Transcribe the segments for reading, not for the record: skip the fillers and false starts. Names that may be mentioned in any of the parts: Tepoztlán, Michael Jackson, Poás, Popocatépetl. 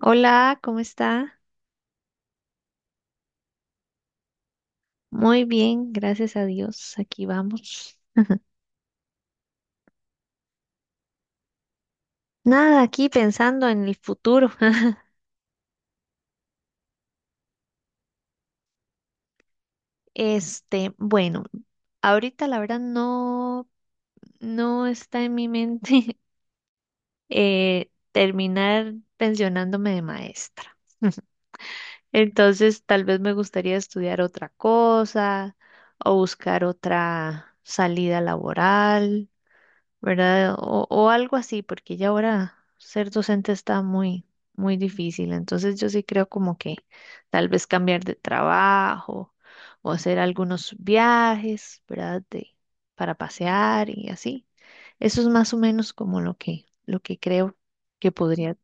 Hola, ¿cómo está? Muy bien, gracias a Dios. Aquí vamos. Nada, aquí pensando en el futuro. Bueno, ahorita la verdad no está en mi mente. Terminar pensionándome de maestra. Entonces, tal vez me gustaría estudiar otra cosa o buscar otra salida laboral. ¿Verdad? O algo así, porque ya ahora ser docente está muy difícil. Entonces yo sí creo como que tal vez cambiar de trabajo o hacer algunos viajes, ¿verdad? De, para pasear y así. Eso es más o menos como lo que creo que podría.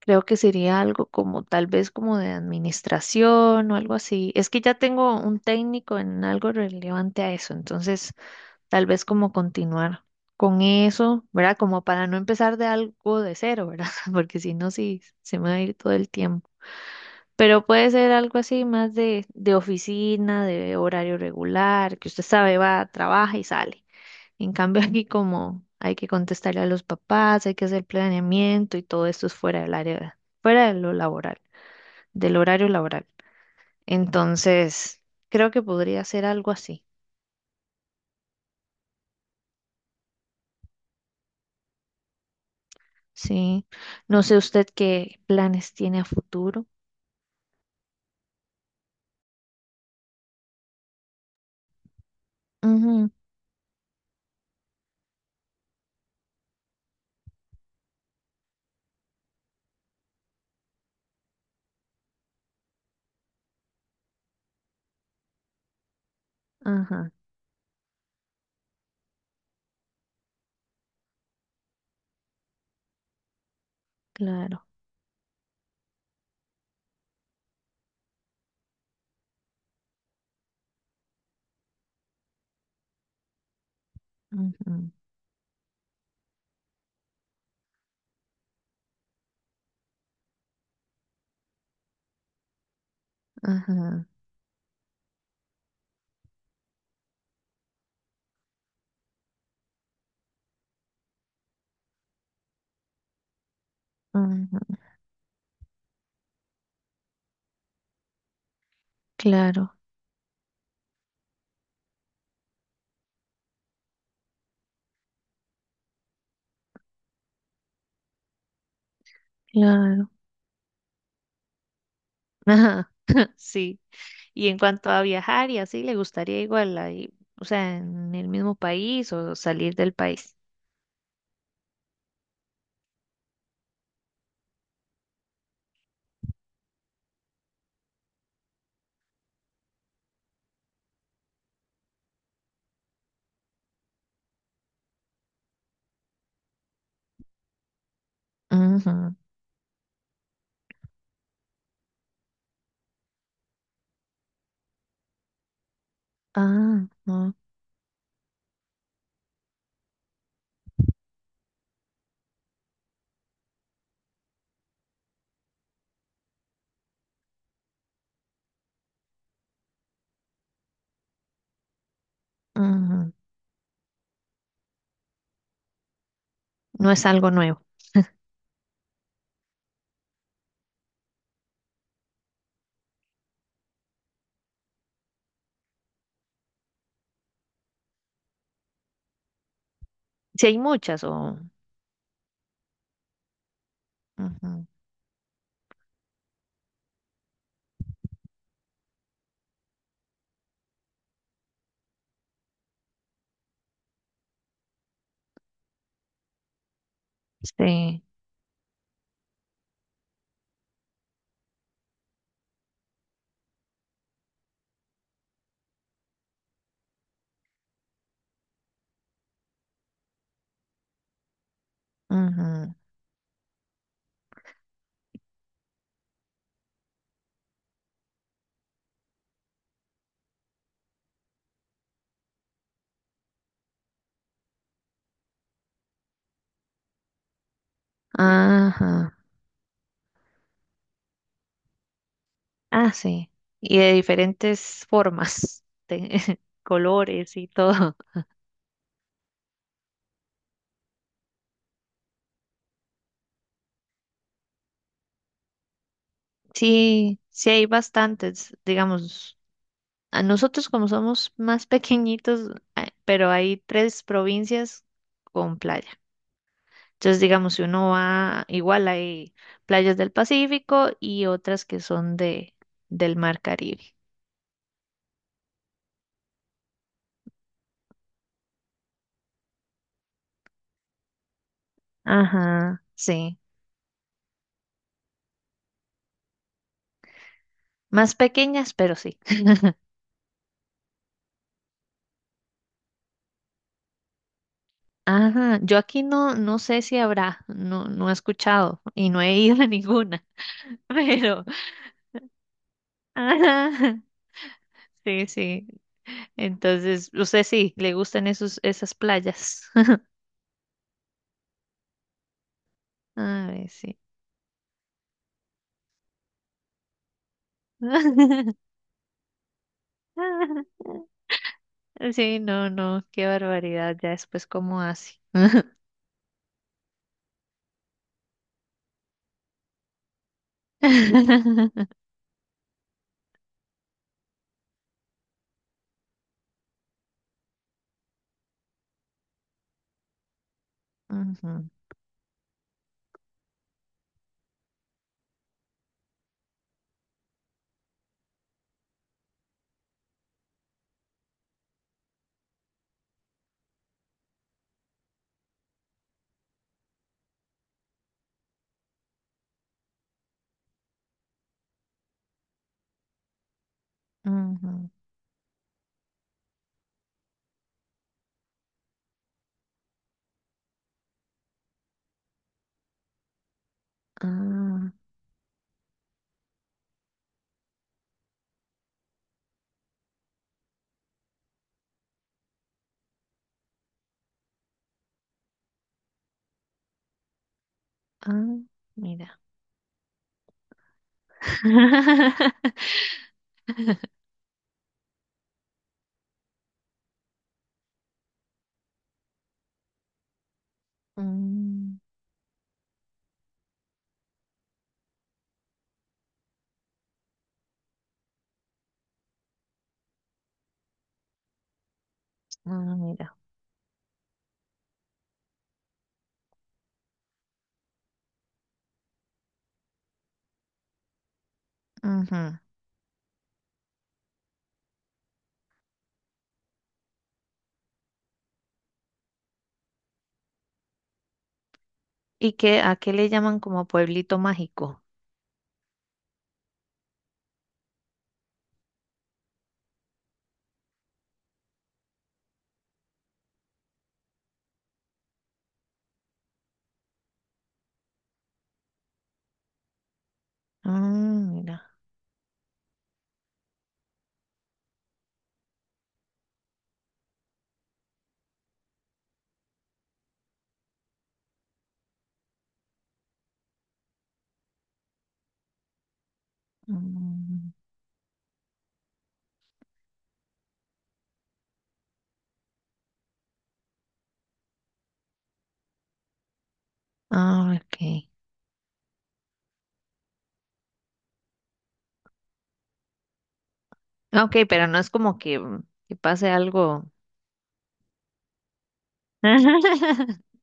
Creo que sería algo como tal vez como de administración o algo así. Es que ya tengo un técnico en algo relevante a eso, entonces tal vez como continuar con eso, ¿verdad? Como para no empezar de algo de cero, ¿verdad? Porque si no, sí, se me va a ir todo el tiempo. Pero puede ser algo así más de oficina, de horario regular, que usted sabe, va, trabaja y sale. En cambio, aquí como hay que contestarle a los papás, hay que hacer planeamiento y todo esto es fuera del área, fuera de lo laboral, del horario laboral. Entonces, creo que podría ser algo así. Sí, no sé usted qué planes tiene a futuro. Ujú, ajá, claro. Ujú, ajá, ujú, claro, claro. Ajá, sí. Y en cuanto a viajar y así, ¿le gustaría igual ahí, o sea, en el mismo país o salir del país? Ujú, ah, no, ujú, no es algo nuevo. Si hay muchas o... ujú, sí. Ujú, ajá. Ah, sí. Y de diferentes formas, de colores y todo. Sí, sí hay bastantes, digamos, a nosotros como somos más pequeñitos, ah, pero hay tres provincias con playa. Entonces, digamos, si uno va, igual hay playas del Pacífico y otras que son del Mar Caribe. Ajá, sí. Más pequeñas, pero sí. Ajá, yo aquí no sé si habrá, no he escuchado y no he ido a ninguna, pero, ajá, sí. Entonces, usted sí, le gustan esas playas. A ver, sí. Sí, no, qué barbaridad, ya después cómo hace. Ujú, ujú. Ah, ah, mira. Mm, ah, mira. Ujú. ¿Y qué, a qué le llaman como pueblito mágico? Ah, mira. Mm, ah, ok. Ah, ok, pero no es como que, mm, que pase algo.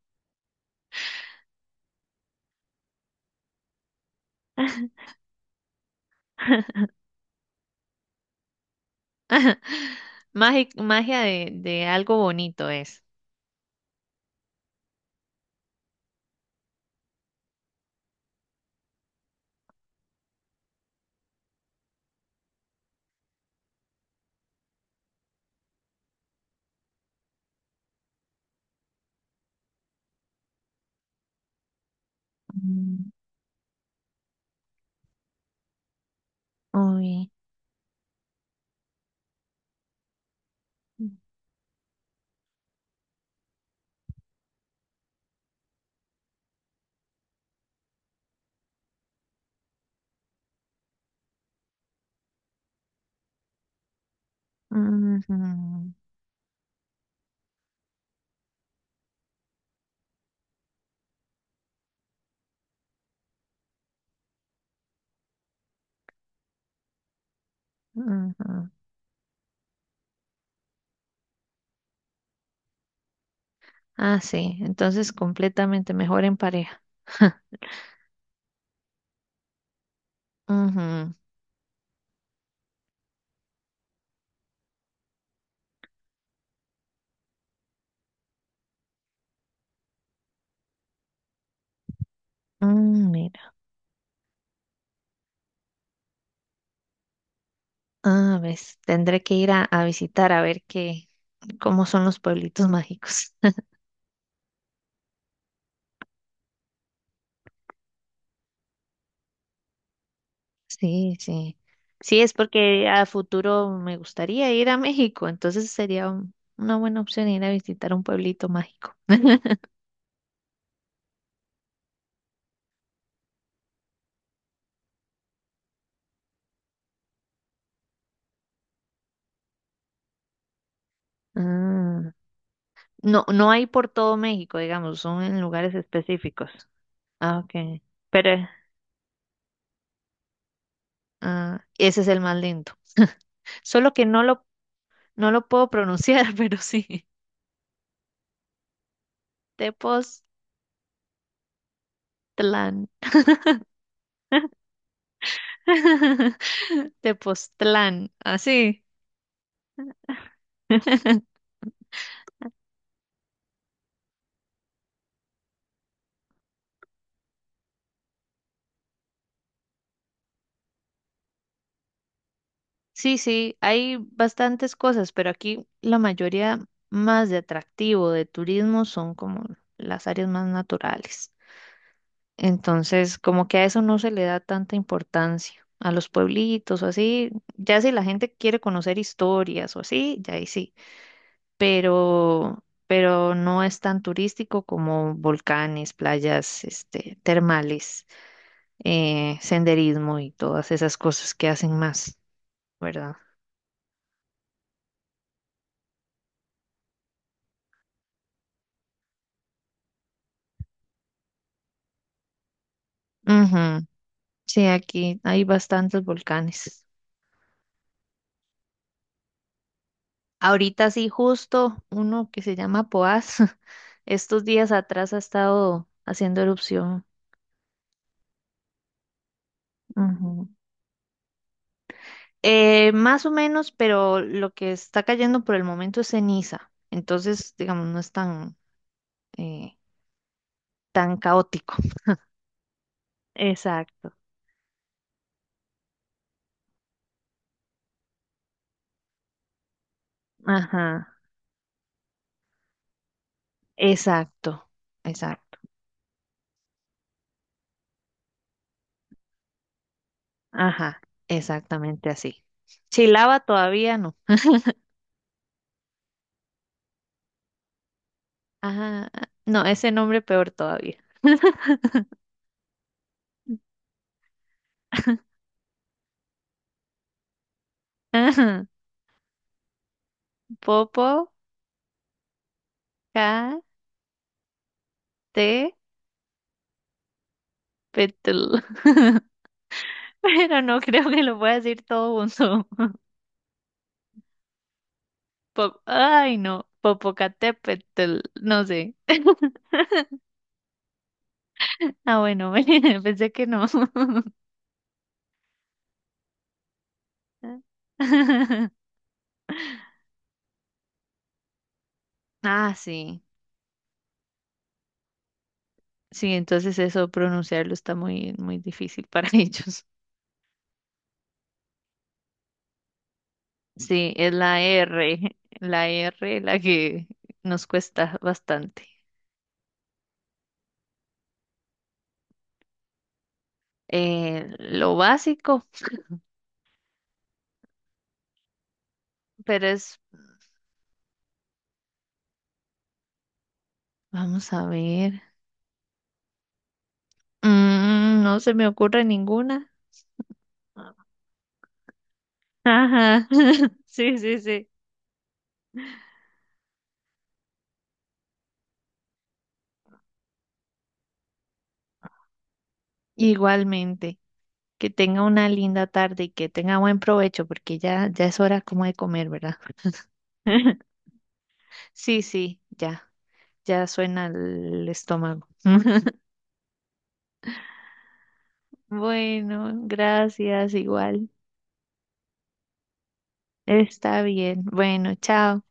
Magi- magia de algo bonito es. Mm, uy. Ujú, ujú. Ah, sí. Entonces completamente mejor en pareja. Ujú. Mm, mira. Ah, ves. Tendré que ir a visitar a ver qué, cómo son los pueblitos mágicos. Sí, sí. Sí, es porque a futuro me gustaría ir a México, entonces sería un- una buena opción ir a visitar un pueblito mágico. Ah, no, no hay por todo México, digamos, son en lugares específicos. Ah, ok. Pero ah, ese es el más lindo. Solo que no lo puedo pronunciar, pero sí. Tepoztlán. Tepoztlán, así. Sí, sí, hay bastantes cosas, pero aquí la mayoría más de atractivo de turismo son como las áreas más naturales. Entonces, como que a eso no se le da tanta importancia, a los pueblitos o así, ya si la gente quiere conocer historias o así, ya ahí sí, pero no es tan turístico como volcanes, playas, este, termales, senderismo y todas esas cosas que hacen más, ¿verdad? Ujú. Sí, aquí hay bastantes volcanes. Ahorita sí, justo uno que se llama Poás, estos días atrás ha estado haciendo erupción. Ujú. Más o menos, pero lo que está cayendo por el momento es ceniza. Entonces, digamos, no es eh, tan caótico. Exacto. Ajá. Exacto. Exacto. Ajá. Exactamente así. Chilaba todavía no. Ajá. No, ese nombre peor todavía. Popo, K, T, Petul. Pero no creo que lo pueda decir todo junto. Pop- Ay, no. Popocatépetl, no sé. Ah, bueno, pensé que no. Ah, sí. Sí, entonces eso pronunciarlo está muy difícil para ellos. Sí, es la R, la R la que nos cuesta bastante. Lo básico, pero es, vamos a ver. Mm, no se me ocurre ninguna. Ajá. Sí, sí, sí. Igualmente. Que tenga una linda tarde y que tenga buen provecho, porque ya es hora como de comer, ¿verdad? Sí, sí, ya. Ya suena el estómago. Bueno, gracias, igual. Está bien. Bueno, chao.